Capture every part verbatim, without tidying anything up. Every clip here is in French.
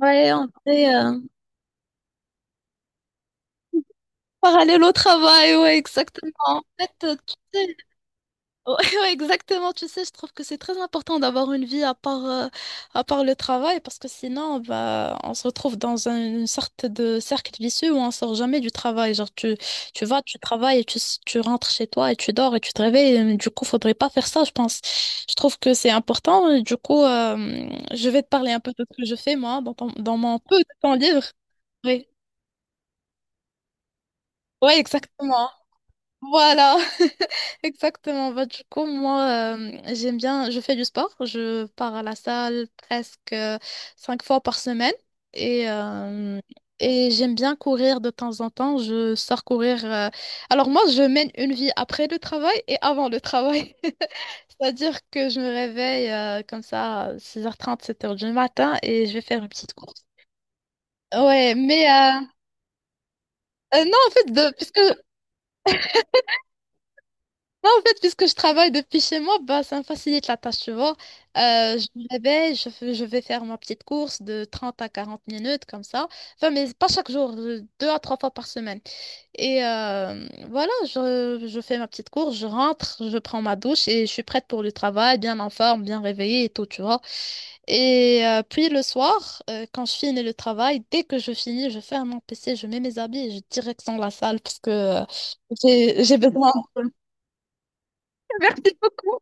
Ouais, on fait euh, parallèle au travail, ouais, exactement. En fait, euh, tu sais, ouais, ouais, exactement, tu sais, je trouve que c'est très important d'avoir une vie à part, euh, à part le travail, parce que sinon, bah, on se retrouve dans un- une sorte de cercle vicieux où on sort jamais du travail. Genre, tu, tu vas, tu travailles, et tu, s- tu rentres chez toi et tu dors et tu te réveilles. Et du coup, faudrait pas faire ça, je pense. Je trouve que c'est important. Et du coup, euh, je vais te parler un peu de ce que je fais, moi, dans, ton- dans mon peu de temps libre. Oui, ouais, exactement. Voilà, exactement. Bah, du coup, moi, euh, j'aime bien, je fais du sport. Je pars à la salle presque euh, cinq fois par semaine et, euh, et j'aime bien courir de temps en temps. Je sors courir. euh, Alors moi, je mène une vie après le travail et avant le travail. C'est-à-dire que je me réveille euh, comme ça, six heures trente sept heures du matin et je vais faire une petite course. Ouais, mais euh, euh, non, en fait, de- puisque non, en fait, puisque je travaille depuis chez moi, bah, ça me facilite la tâche, tu vois. Euh, je me réveille, je, fais- je vais faire ma petite course de trente à quarante minutes, comme ça. Enfin, mais pas chaque jour, euh, deux à trois fois par semaine. Et euh, voilà, je, je fais ma petite course, je rentre, je prends ma douche et je suis prête pour le travail, bien en forme, bien réveillée et tout, tu vois. Et euh, puis le soir, euh, quand je finis le travail, dès que je finis, je ferme mon P C, je mets mes habits et je direct dans la salle parce que euh, j'ai j'ai besoin. Merci beaucoup.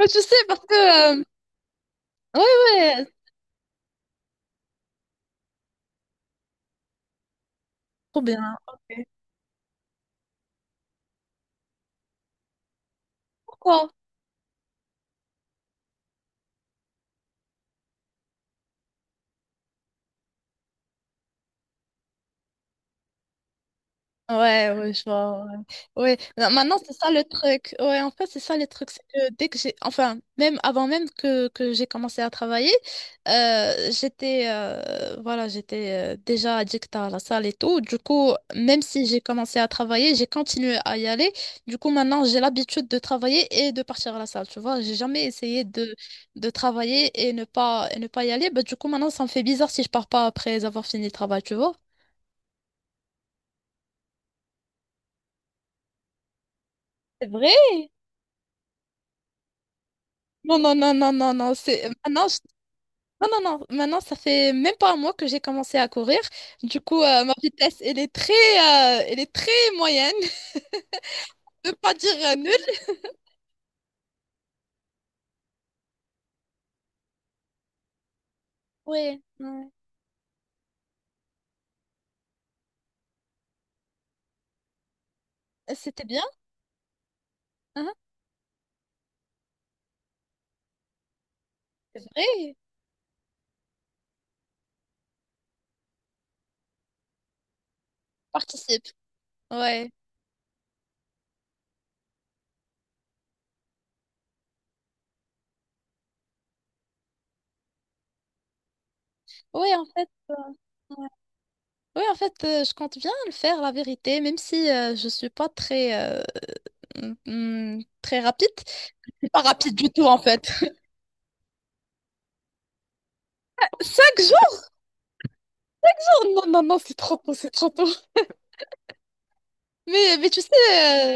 Je sais parce que... euh, Ouais, ouais, trop bien. Ok. Pourquoi? Ouais, ouais, je vois. Ouais. Ouais. Non, maintenant, c'est ça le truc. Ouais, en fait, c'est ça le truc. C'est que dès que j'ai, enfin, même avant même que, que j'ai commencé à travailler, euh, j'étais, euh, voilà, j'étais euh, déjà addict à la salle et tout. Du coup, même si j'ai commencé à travailler, j'ai continué à y aller. Du coup, maintenant, j'ai l'habitude de travailler et de partir à la salle. Tu vois, j'ai jamais essayé de, de travailler et ne pas, et ne pas y aller. Bah, du coup, maintenant, ça me fait bizarre si je pars pas après avoir fini le travail, tu vois. C'est vrai. Non, non, non, non, non, non. C'est... Maintenant, je- non, non, non. Maintenant, ça fait même pas un mois que j'ai commencé à courir. Du coup, euh, ma vitesse, elle est très, euh, elle est très moyenne. Je veux pas dire euh, nulle. Ouais, ouais. Euh, C'était bien. Hein. C'est vrai. Participe. Ouais. Ouais, en fait. Euh, ouais. Ouais, en fait, euh, je compte bien le faire, la vérité, même si euh, je suis pas très, euh, mm, mm, très rapide. Pas rapide du tout, en fait. Cinq jours? Non, non, non, c'est trop tôt, c'est trop tôt. Mais, mais tu sais,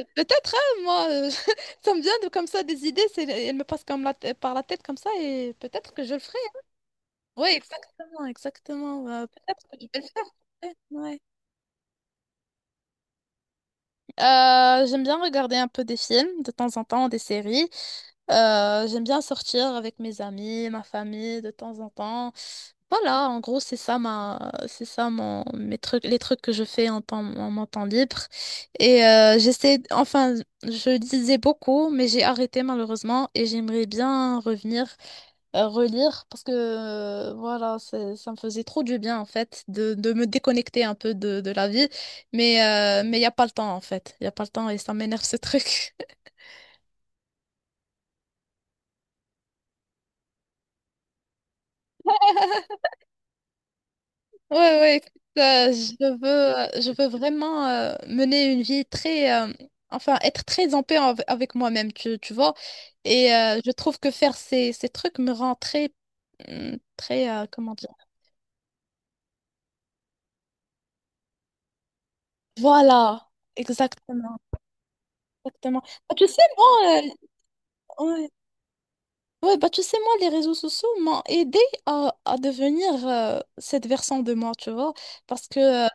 euh, peut-être, hein, moi, euh, ça me vient de comme ça des idées, c'est, elles me passent comme la tê- par la tête comme ça et peut-être que je le ferai. Oui, exactement, exactement. euh, peut-être que je vais le faire. Ouais. Euh, j'aime bien regarder un peu des films de temps en temps, des séries. Euh, j'aime bien sortir avec mes amis, ma famille de temps en temps. Voilà, en gros, c'est ça ma, c'est ça mon, mes trucs, les trucs que je fais en temps, en mon temps libre. Et euh, j'essaie, enfin, je lisais beaucoup, mais j'ai arrêté malheureusement et j'aimerais bien revenir euh, relire parce que euh, voilà, c'est- ça me faisait trop du bien en fait de, de me déconnecter un peu de, de la vie. Mais euh, mais il n'y a pas le temps en fait. Il n'y a pas le temps et ça m'énerve ce truc. Ouais, ouais, écoute, euh, je veux, je veux vraiment euh, mener une vie très, euh, enfin, être très en paix av- avec moi-même, tu, tu vois. Et euh, je trouve que faire ces, ces trucs me rend très, hum, très, euh, comment dire. Voilà, exactement, exactement. Ah, tu sais, moi, euh, ouais. Ouais, bah tu sais, moi, les réseaux sociaux m'ont aidé à, à devenir euh, cette version de moi, tu vois. Parce que, euh,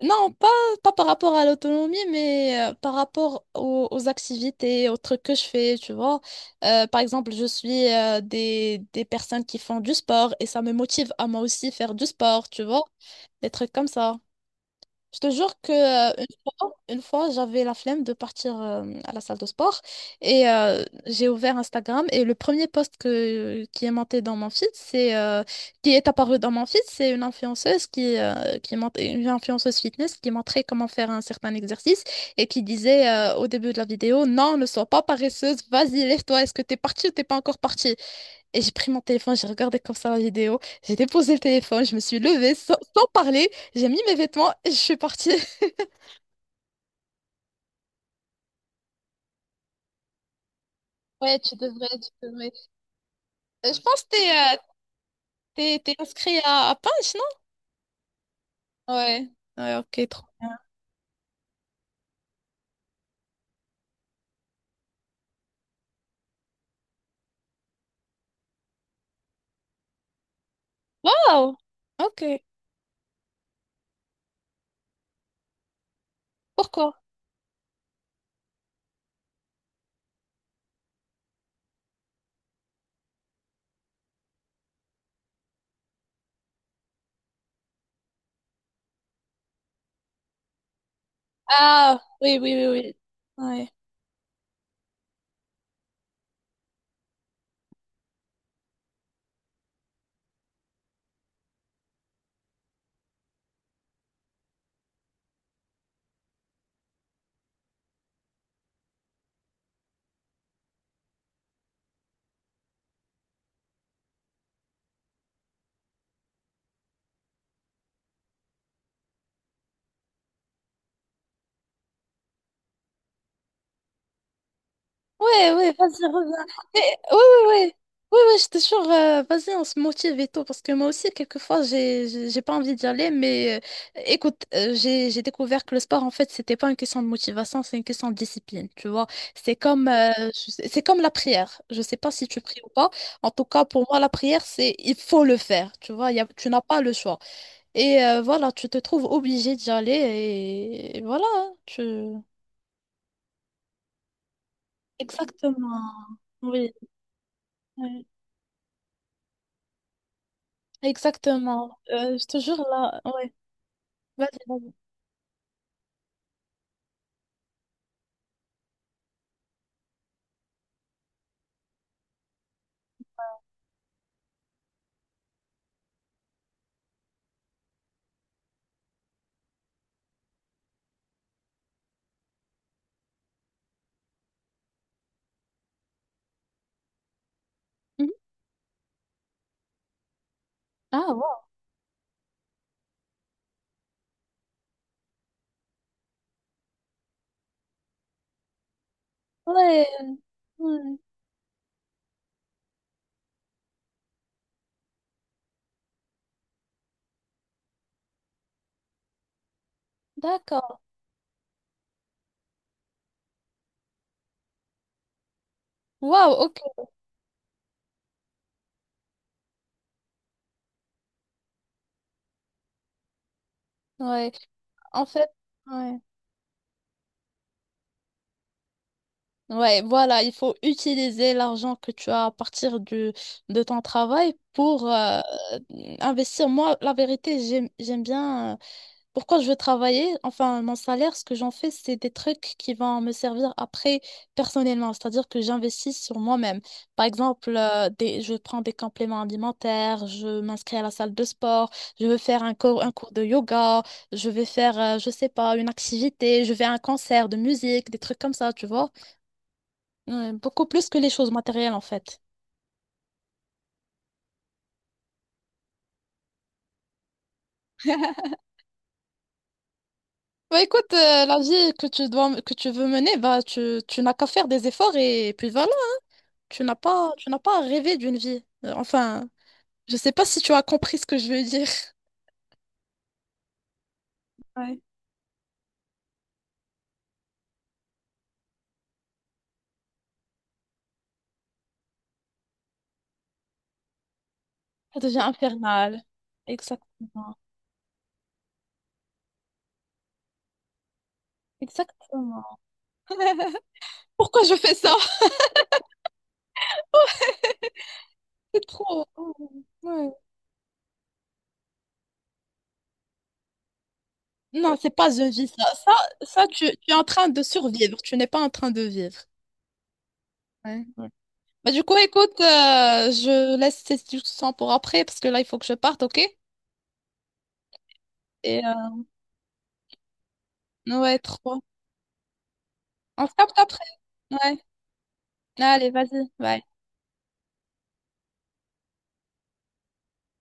non, pas, pas par rapport à l'autonomie, mais euh, par rapport aux, aux activités, aux trucs que je fais, tu vois. Euh, par exemple, je suis euh, des, des personnes qui font du sport et ça me motive à moi aussi faire du sport, tu vois. Des trucs comme ça. Je te jure que euh, une fois, une fois, j'avais la flemme de partir euh, à la salle de sport et euh, j'ai ouvert Instagram et le premier post que, qui est monté dans mon feed, c'est euh, qui est apparu dans mon feed, c'est une influenceuse qui, euh, qui mont- une influenceuse fitness qui montrait comment faire un certain exercice et qui disait euh, au début de la vidéo, non, ne sois pas paresseuse, vas-y, lève-toi, est-ce que t'es partie ou t'es pas encore partie? Et j'ai pris mon téléphone, j'ai regardé comme ça la vidéo, j'ai déposé le téléphone, je me suis levée sans, sans parler, j'ai mis mes vêtements et je suis partie. Ouais, tu devrais, tu devrais. Euh, Je pense que t'es euh, t'es- t'es inscrit à, à Punch, non? Ouais, ouais, ok, trop. Oh, ok. Pourquoi? Ah, oui, oui, oui, oui. Ouais. Ouais, ouais, vas-y, reviens. Mais, ouais, ouais, ouais. Ouais, ouais, je te jure, euh, vas-y, on se motive et tout, parce que moi aussi, quelquefois, j'ai, j'ai j'ai pas envie d'y aller, mais euh, écoute, euh, j'ai, j'ai découvert que le sport, en fait, c'était pas une question de motivation, c'est une question de discipline, tu vois. C'est comme, euh, je sais- c'est comme la prière. Je sais pas si tu pries ou pas. En tout cas, pour moi, la prière, c'est, il faut le faire, tu vois, il y a- tu n'as pas le choix. Et euh, voilà, tu te trouves obligé d'y aller, et, et voilà, hein, tu... Exactement. Oui. Exactement. Euh, je te jure là. Ouais. Vas-y, vas-y. Mhm. Ah, wow. Ouais. Ouais. D'accord. Wow, ok. Ouais. En fait, ouais. Ouais, voilà, il faut utiliser l'argent que tu as à partir du, de ton travail pour euh, investir. Moi, la vérité, j'aime, j'aime bien. euh, Pourquoi je veux travailler? Enfin, mon salaire, ce que j'en fais, c'est des trucs qui vont me servir après personnellement, c'est-à-dire que j'investis sur moi-même. Par exemple, euh, des- je prends des compléments alimentaires, je m'inscris à la salle de sport, je veux faire un cours, un cours de yoga, je vais faire, euh, je sais pas, une activité, je vais à un concert de musique, des trucs comme ça, tu vois. Ouais, beaucoup plus que les choses matérielles, en fait. Bah écoute, euh, la vie que tu dois, que tu veux mener, bah tu, tu n'as qu'à faire des efforts et puis voilà. Tu n'as pas, tu n'as pas rêvé d'une vie. Euh, Enfin, je sais pas si tu as compris ce que je veux dire. Ouais. Ça devient infernal. Exactement. Exactement. Pourquoi je fais ça? C'est trop. Ouais. Non, c'est pas une vie, ça. Ça, ça tu, tu es en train de survivre. Tu n'es pas en train de vivre. Ouais. Ouais. Bah, du coup, écoute, euh, je laisse ces discussions pour après parce que là, il faut que je parte, ok? Et euh, ouais, trop. On se capte après. Ouais. Allez, vas-y. Bye.